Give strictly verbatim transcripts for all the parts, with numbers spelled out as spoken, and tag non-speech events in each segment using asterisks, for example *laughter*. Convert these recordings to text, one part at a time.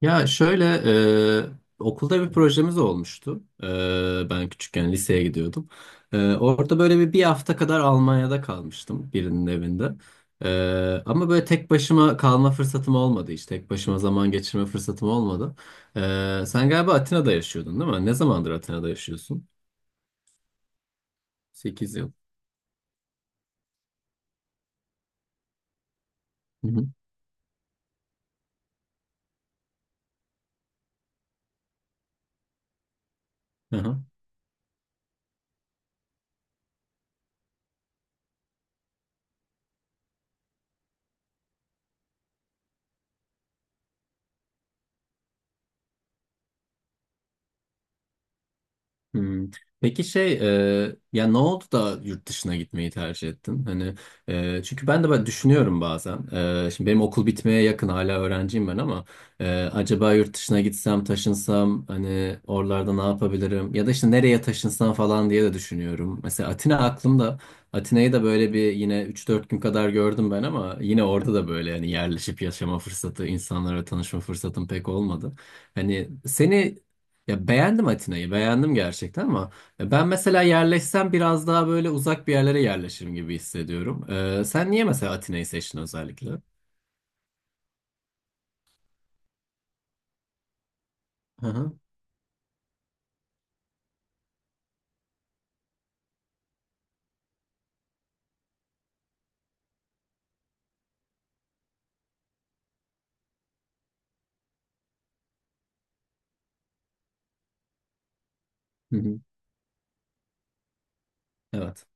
Ya şöyle e, okulda bir projemiz olmuştu. E, ben küçükken liseye gidiyordum. E, orada böyle bir, bir hafta kadar Almanya'da kalmıştım birinin evinde. E, ama böyle tek başıma kalma fırsatım olmadı işte. Tek başıma zaman geçirme fırsatım olmadı. E, sen galiba Atina'da yaşıyordun değil mi? Ne zamandır Atina'da yaşıyorsun? Sekiz yıl. Hı hı. Hı hı. Hmm. Peki şey e, ya ne oldu da yurt dışına gitmeyi tercih ettin? Hani e, çünkü ben de böyle düşünüyorum bazen. E, şimdi benim okul bitmeye yakın hala öğrenciyim ben ama e, acaba yurt dışına gitsem taşınsam hani oralarda ne yapabilirim? Ya da işte nereye taşınsam falan diye de düşünüyorum. Mesela Atina aklımda. Atina'yı da böyle bir yine üç dört gün kadar gördüm ben ama yine orada da böyle hani yerleşip yaşama fırsatı, insanlara tanışma fırsatım pek olmadı. Hani seni, ya beğendim Atina'yı, beğendim gerçekten ama ya ben mesela yerleşsem biraz daha böyle uzak bir yerlere yerleşirim gibi hissediyorum. Ee, sen niye mesela Atina'yı seçtin özellikle? Hı hı. Hı hı. Evet.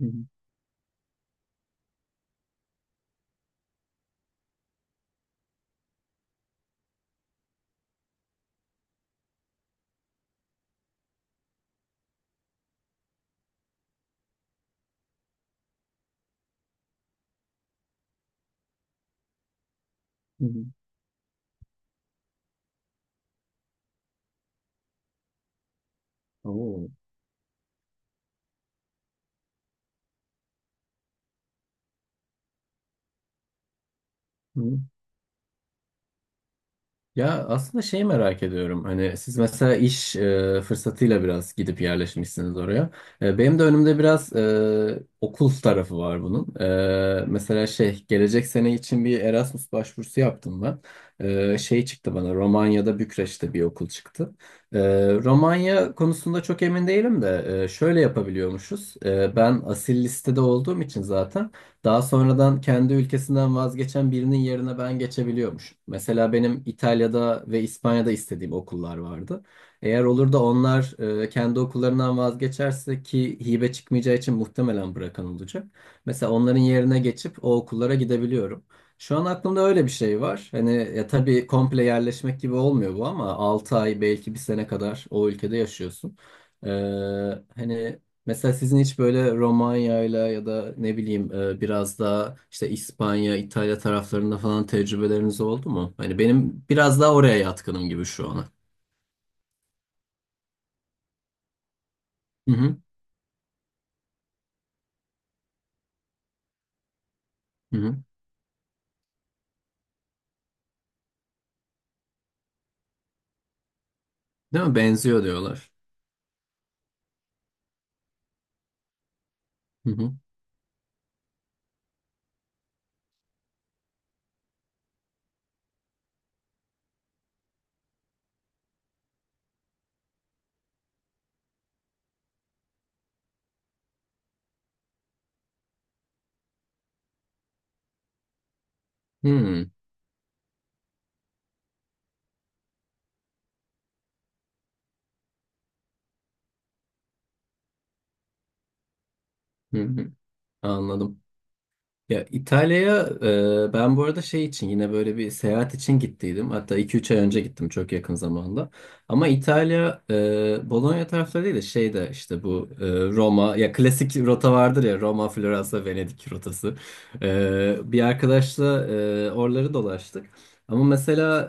Hı hı. Hı hı. Oo. Ya aslında şey merak ediyorum. Hani siz mesela iş e, fırsatıyla biraz gidip yerleşmişsiniz oraya. E, benim de önümde biraz e, okul tarafı var bunun. E, mesela şey, gelecek sene için bir Erasmus başvurusu yaptım ben. E, şey çıktı bana, Romanya'da Bükreş'te bir okul çıktı. E, Romanya konusunda çok emin değilim de e, şöyle yapabiliyormuşuz. E, ben asil listede olduğum için zaten. Daha sonradan kendi ülkesinden vazgeçen birinin yerine ben geçebiliyormuş. Mesela benim İtalya'da ve İspanya'da istediğim okullar vardı. Eğer olur da onlar e, kendi okullarından vazgeçerse, ki hibe çıkmayacağı için muhtemelen bırakan olacak, mesela onların yerine geçip o okullara gidebiliyorum. Şu an aklımda öyle bir şey var. Hani, ya tabii komple yerleşmek gibi olmuyor bu ama altı ay, belki bir sene kadar o ülkede yaşıyorsun. Ee, hani mesela sizin hiç böyle Romanya'yla ya da ne bileyim e, biraz daha işte İspanya, İtalya taraflarında falan tecrübeleriniz oldu mu? Hani benim biraz daha oraya yatkınım gibi şu ana. Hı hı, hı hı. Değil mi? Benziyor diyorlar. Hı hı. Hı hı, hı hı. Anladım. Ya İtalya'ya e, ben bu arada şey için, yine böyle bir seyahat için gittiydim. Hatta iki üç ay önce gittim, çok yakın zamanda. Ama İtalya, e, Bologna tarafları değil de şeyde, işte bu e, Roma, ya klasik rota vardır ya, Roma, Floransa, Venedik rotası. E, bir arkadaşla e, oraları dolaştık. Ama mesela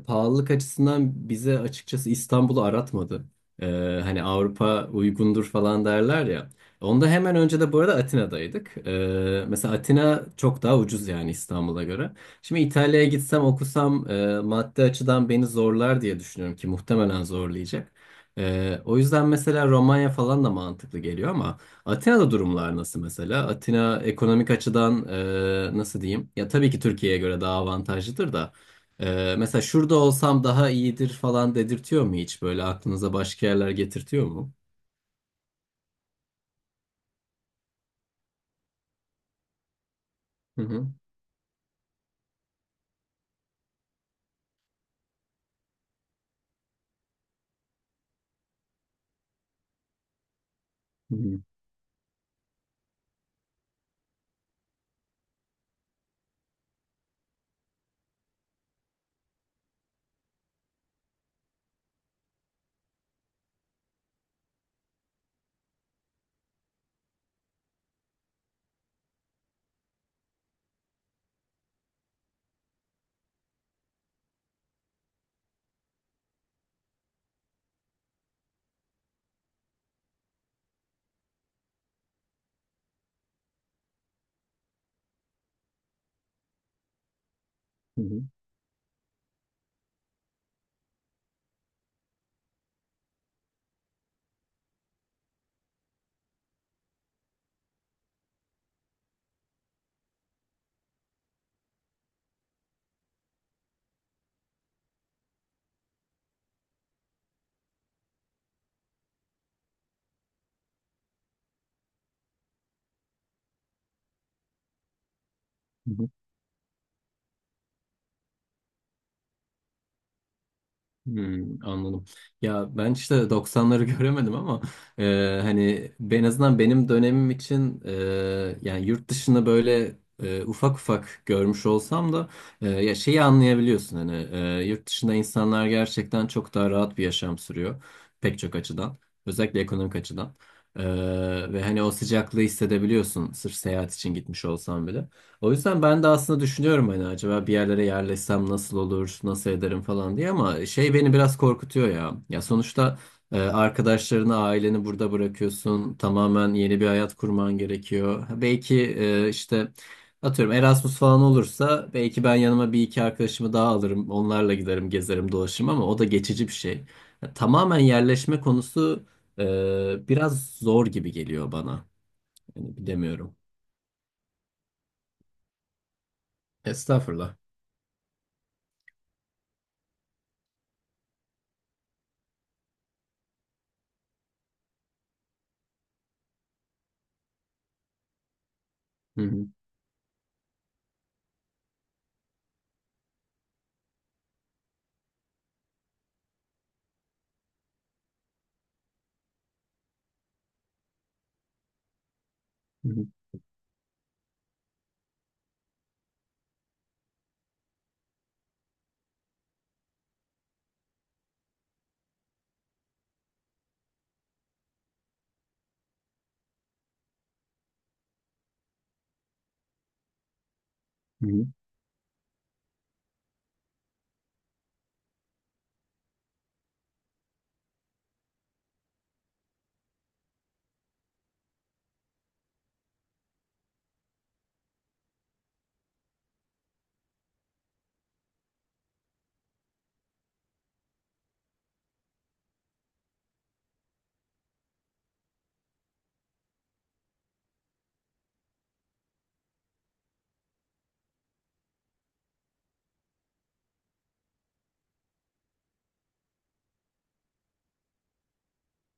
e, pahalılık açısından bize açıkçası İstanbul'u aratmadı. E, hani Avrupa uygundur falan derler ya. Onda hemen önce de bu arada Atina'daydık. Ee, mesela Atina çok daha ucuz yani, İstanbul'a göre. Şimdi İtalya'ya gitsem okusam e, maddi açıdan beni zorlar diye düşünüyorum, ki muhtemelen zorlayacak. Ee, o yüzden mesela Romanya falan da mantıklı geliyor ama Atina'da durumlar nasıl mesela? Atina ekonomik açıdan e, nasıl diyeyim? Ya, tabii ki Türkiye'ye göre daha avantajlıdır da. e, mesela şurada olsam daha iyidir falan dedirtiyor mu hiç? Böyle aklınıza başka yerler getirtiyor mu? Hı hı. Hı hı. Hı hı. Hmm, anladım. Ya ben işte doksanları *laughs* göremedim ama e, hani en azından benim dönemim için, e, yani yurt dışını böyle e, ufak ufak görmüş olsam da, e, ya şeyi anlayabiliyorsun hani, e, yurt dışında insanlar gerçekten çok daha rahat bir yaşam sürüyor, pek çok açıdan, özellikle ekonomik açıdan. E, ve hani o sıcaklığı hissedebiliyorsun sırf seyahat için gitmiş olsam bile. O yüzden ben de aslında düşünüyorum, hani acaba bir yerlere yerleşsem nasıl olur, nasıl ederim falan diye, ama şey beni biraz korkutuyor ya. Ya sonuçta e, arkadaşlarını, aileni burada bırakıyorsun. Tamamen yeni bir hayat kurman gerekiyor. Ha, belki e, işte atıyorum Erasmus falan olursa belki ben yanıma bir iki arkadaşımı daha alırım. Onlarla giderim, gezerim, dolaşırım ama o da geçici bir şey. Ya, tamamen yerleşme konusu e, biraz zor gibi geliyor bana. Yani bilemiyorum. Estağfurullah. Hı hı. Hı hı. Hı hı,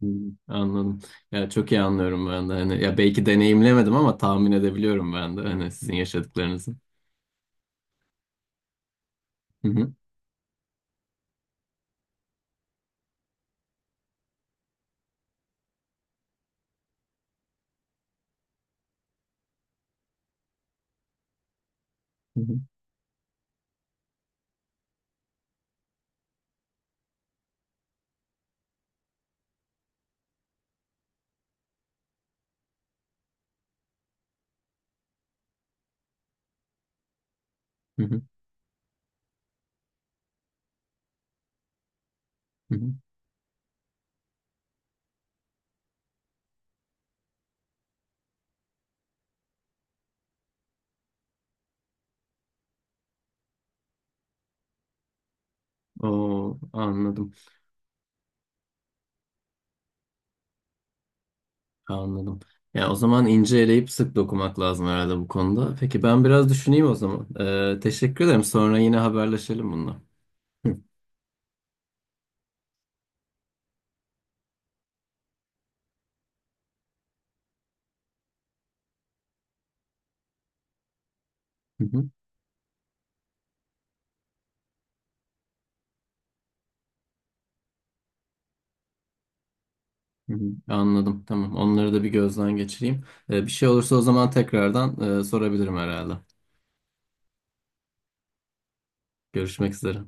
hı hı. Anladım. Ya çok iyi anlıyorum ben de. Hani, ya belki deneyimlemedim ama tahmin edebiliyorum ben de hani sizin yaşadıklarınızı. Hı hı, hı hı, hı hı, hı hı. Oo, anladım. Anladım. Ya o zaman ince eleyip sık dokumak lazım herhalde bu konuda. Peki ben biraz düşüneyim o zaman. Ee, teşekkür ederim. Sonra yine haberleşelim bununla. Hı hı, hı hı. Hı. Anladım. Tamam. Onları da bir gözden geçireyim. Ee, bir şey olursa o zaman tekrardan e, sorabilirim herhalde. Görüşmek üzere.